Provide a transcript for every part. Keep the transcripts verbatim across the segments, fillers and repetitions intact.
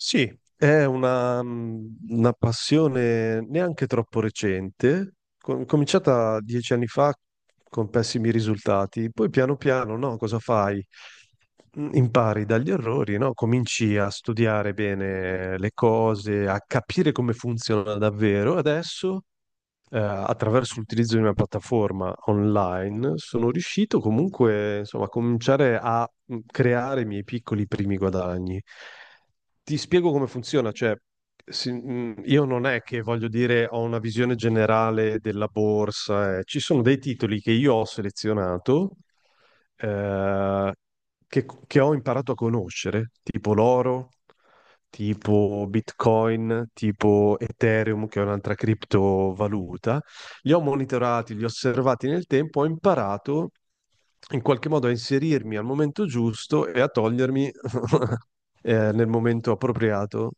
Sì, è una, mh, una passione neanche troppo recente, com- cominciata dieci anni fa con pessimi risultati, poi piano piano, no, cosa fai? Mm, Impari dagli errori, no? Cominci a studiare bene le cose, a capire come funziona davvero. Adesso, eh, attraverso l'utilizzo di una piattaforma online, sono riuscito comunque, insomma, a cominciare a mm, creare i miei piccoli primi guadagni. Ti spiego come funziona, cioè si- mh, io non è che voglio dire ho una visione generale della borsa, eh. Ci sono dei titoli che io ho selezionato, eh, che, che ho imparato a conoscere, tipo l'oro, tipo Bitcoin, tipo Ethereum, che è un'altra criptovaluta. Li ho monitorati, li ho osservati nel tempo, ho imparato in qualche modo a inserirmi al momento giusto e a togliermi eh, nel momento appropriato.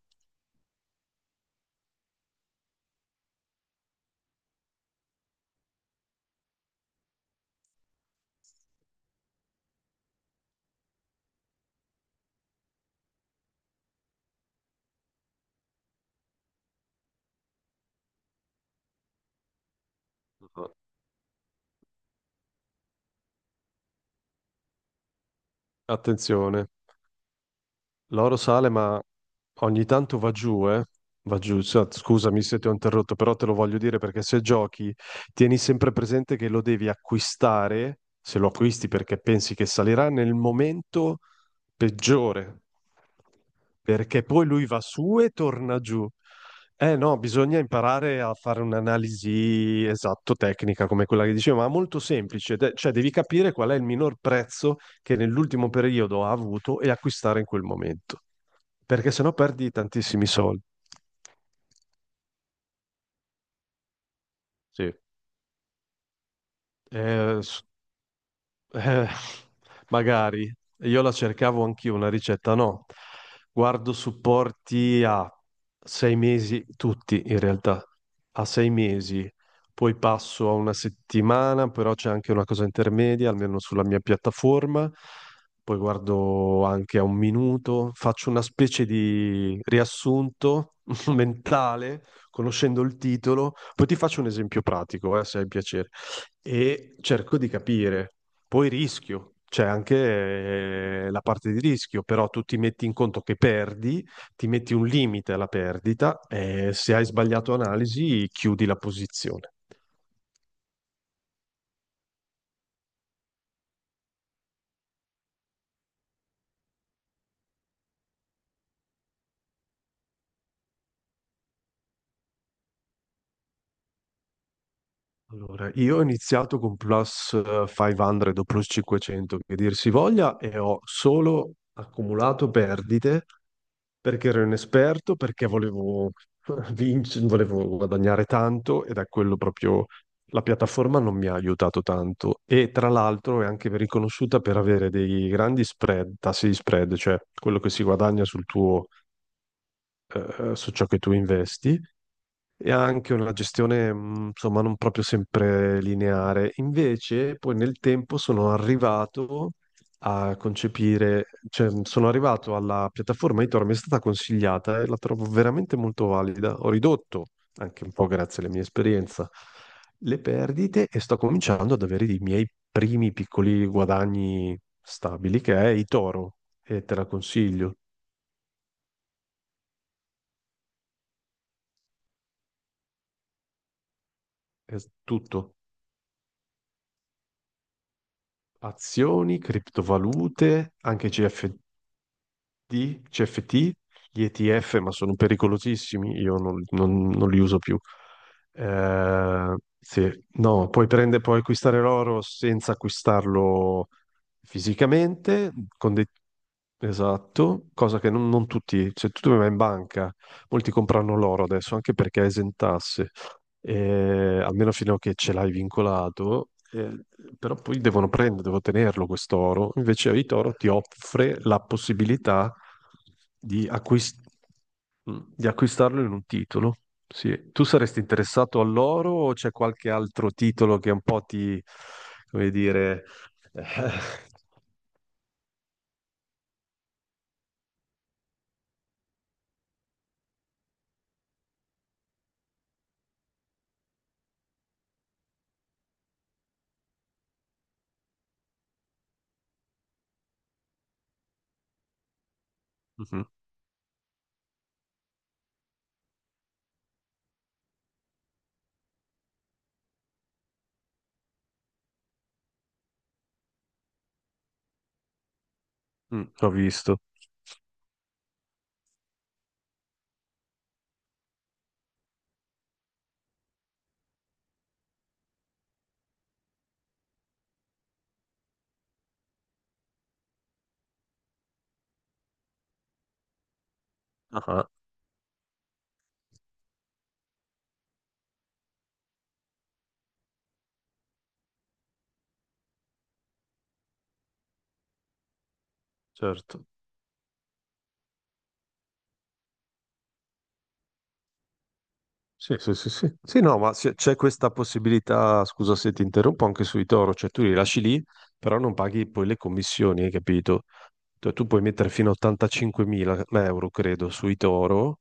Attenzione. L'oro sale, ma ogni tanto va giù, eh? Va giù. Sa- Scusami se ti ho interrotto, però te lo voglio dire perché se giochi, tieni sempre presente che lo devi acquistare, se lo acquisti perché pensi che salirà, nel momento peggiore, perché poi lui va su e torna giù. Eh no, bisogna imparare a fare un'analisi esatto tecnica come quella che dicevo, ma molto semplice, de- cioè devi capire qual è il minor prezzo che nell'ultimo periodo ha avuto e acquistare in quel momento, perché sennò perdi tantissimi soldi. Sì. Eh, s- Eh, magari io la cercavo anch'io, una ricetta no. Guardo supporti a sei mesi, tutti in realtà, a sei mesi, poi passo a una settimana, però c'è anche una cosa intermedia, almeno sulla mia piattaforma, poi guardo anche a un minuto, faccio una specie di riassunto mentale, conoscendo il titolo, poi ti faccio un esempio pratico, eh, se hai piacere, e cerco di capire. Poi rischio, c'è anche eh, la parte di rischio, però tu ti metti in conto che perdi, ti metti un limite alla perdita e se hai sbagliato analisi chiudi la posizione. Allora, io ho iniziato con Plus eh, cinquecento o Plus cinquecento, che dir si voglia, e ho solo accumulato perdite perché ero inesperto, perché volevo vincere, volevo guadagnare tanto ed è quello proprio la piattaforma non mi ha aiutato tanto. E tra l'altro è anche riconosciuta per avere dei grandi spread, tassi di spread, cioè quello che si guadagna sul tuo, eh, su ciò che tu investi e anche una gestione, mh, insomma, non proprio sempre lineare. Invece, poi nel tempo sono arrivato a concepire, cioè mh, sono arrivato alla piattaforma Tor, mi è stata consigliata e la trovo veramente molto valida. Ho ridotto, anche un po' grazie alla mia esperienza, le perdite e sto cominciando ad avere i miei primi piccoli guadagni stabili, che è Itoro, e te la consiglio. È tutto. Azioni, criptovalute, anche C F D di C F T, gli E T F, ma sono pericolosissimi, io non, non- non li uso più. Eh, sì, no, puoi prendere, puoi acquistare l'oro senza acquistarlo fisicamente, con dei- Esatto, cosa che non, non tutti, cioè tu vai in banca, molti comprano l'oro adesso anche perché è esentasse, eh, almeno fino a che ce l'hai vincolato, eh, però poi devono prendere, devo tenerlo questo oro. Invece Vitoro ti offre la possibilità di, acquist- mm, di acquistarlo in un titolo. Sì. Tu saresti interessato all'oro o c'è qualche altro titolo che un po' ti, come dire... Mhm, mm, ho visto. Ah, certo. Sì, sì, sì, sì. Sì, no, ma c'è c'è questa possibilità, scusa se ti interrompo, anche sui toro, cioè tu li lasci lì, però non paghi poi le commissioni, hai capito? Cioè, tu puoi mettere fino a ottantacinquemila euro, credo, sui toro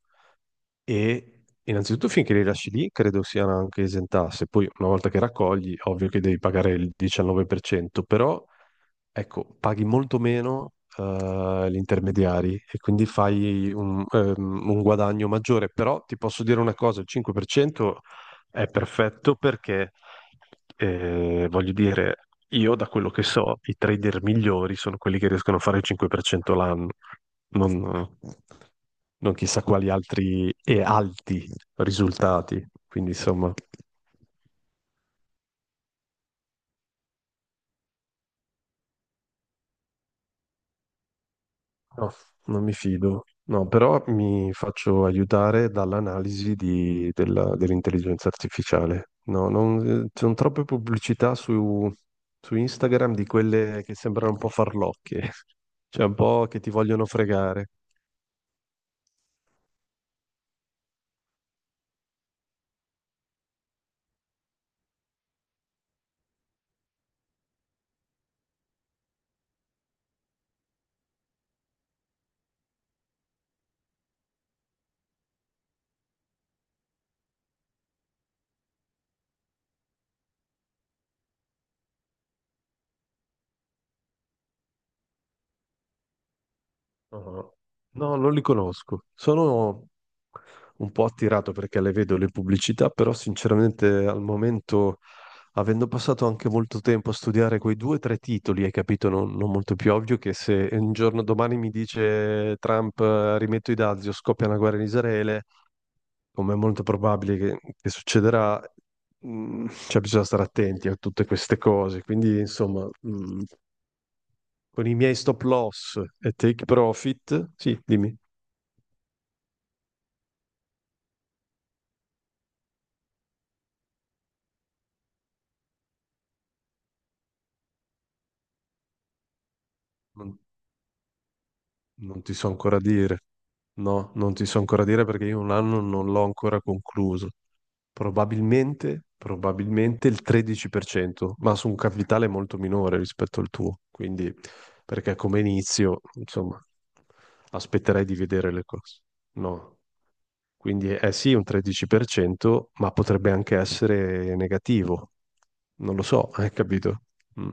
e innanzitutto finché li lasci lì, credo siano anche esentasse. Poi una volta che raccogli, ovvio che devi pagare il diciannove per cento, però ecco, paghi molto meno eh, gli intermediari e quindi fai un, ehm, un guadagno maggiore, però ti posso dire una cosa, il cinque per cento è perfetto perché, eh, voglio dire, io da quello che so, i trader migliori sono quelli che riescono a fare il cinque per cento l'anno, non, non chissà quali altri e alti risultati, quindi insomma... No, non mi fido. No, però mi faccio aiutare dall'analisi di- della- dell'intelligenza artificiale. No, non, eh, ci sono troppe pubblicità su, su Instagram di quelle che sembrano un po' farlocche, cioè un po' che ti vogliono fregare. No, no, non li conosco. Sono un po' attirato perché le vedo le pubblicità, però sinceramente al momento, avendo passato anche molto tempo a studiare quei due o tre titoli, hai capito, non, non molto più ovvio che se un giorno domani mi dice Trump eh, rimetto i dazi o scoppia una guerra in Israele, come è molto probabile che, che succederà, mh, cioè bisogna stare attenti a tutte queste cose. Quindi, insomma, mh, con i miei stop loss e take profit, sì, dimmi. Non, non ti so ancora dire. No, non ti so ancora dire perché io un anno non l'ho ancora concluso. Probabilmente, probabilmente il tredici per cento, ma su un capitale molto minore rispetto al tuo. Quindi, perché come inizio, insomma, aspetterei di vedere le cose. No. Quindi è sì un tredici per cento, ma potrebbe anche essere negativo. Non lo so, hai capito? Mm.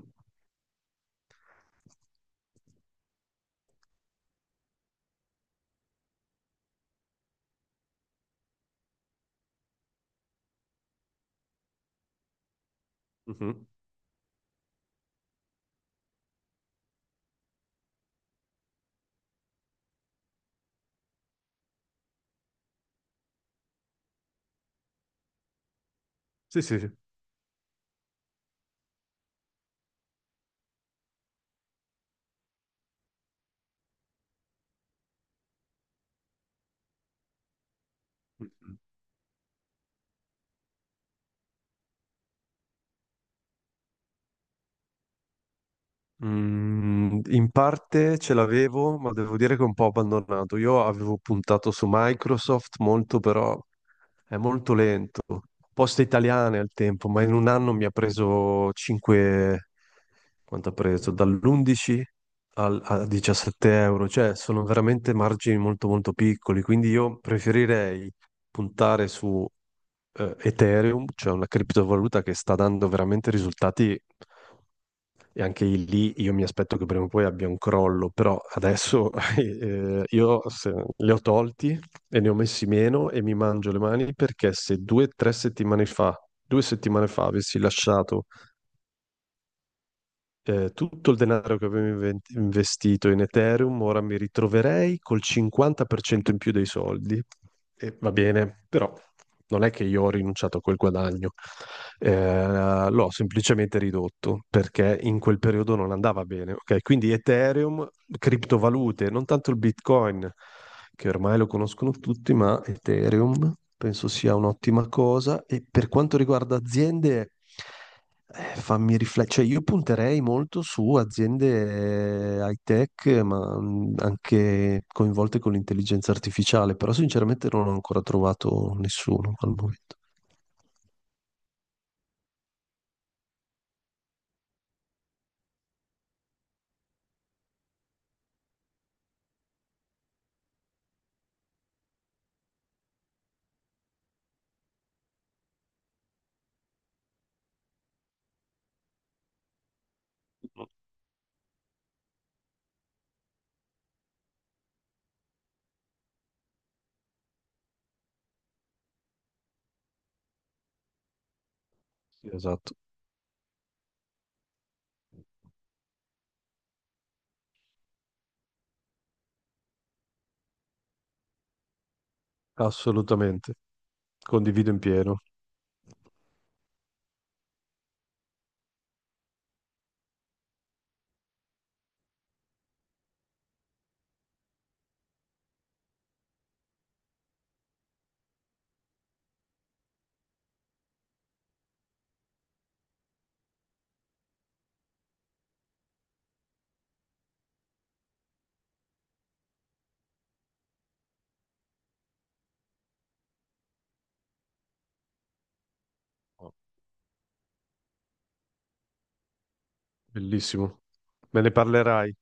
Mhm. Sì, sì, sì. Mm, in parte ce l'avevo, ma devo dire che è un po' abbandonato. Io avevo puntato su Microsoft molto, però è molto lento. Poste italiane al tempo, ma in un anno mi ha preso cinque... Quanto ha preso? Dall'undici al, a diciassette euro. Cioè, sono veramente margini molto molto piccoli, quindi io preferirei puntare su eh, Ethereum, cioè una criptovaluta che sta dando veramente risultati e anche lì io mi aspetto che prima o poi abbia un crollo, però adesso eh, io se- li ho tolti e ne ho messi meno e mi mangio le mani perché se due o tre settimane fa, due settimane fa avessi lasciato eh, tutto il denaro che avevo inven- investito in Ethereum, ora mi ritroverei col cinquanta per cento in più dei soldi. E va bene, però non è che io ho rinunciato a quel guadagno, Eh, l'ho semplicemente ridotto perché in quel periodo non andava bene. Ok? Quindi Ethereum, criptovalute, non tanto il Bitcoin, che ormai lo conoscono tutti, ma Ethereum penso sia un'ottima cosa. E per quanto riguarda aziende... Eh, fammi riflettere, cioè io punterei molto su aziende eh, high tech, ma mm, anche coinvolte con l'intelligenza artificiale, però sinceramente non ho ancora trovato nessuno al momento. Sì, esatto, assolutamente. Condivido in pieno. Bellissimo. Me ne parlerai.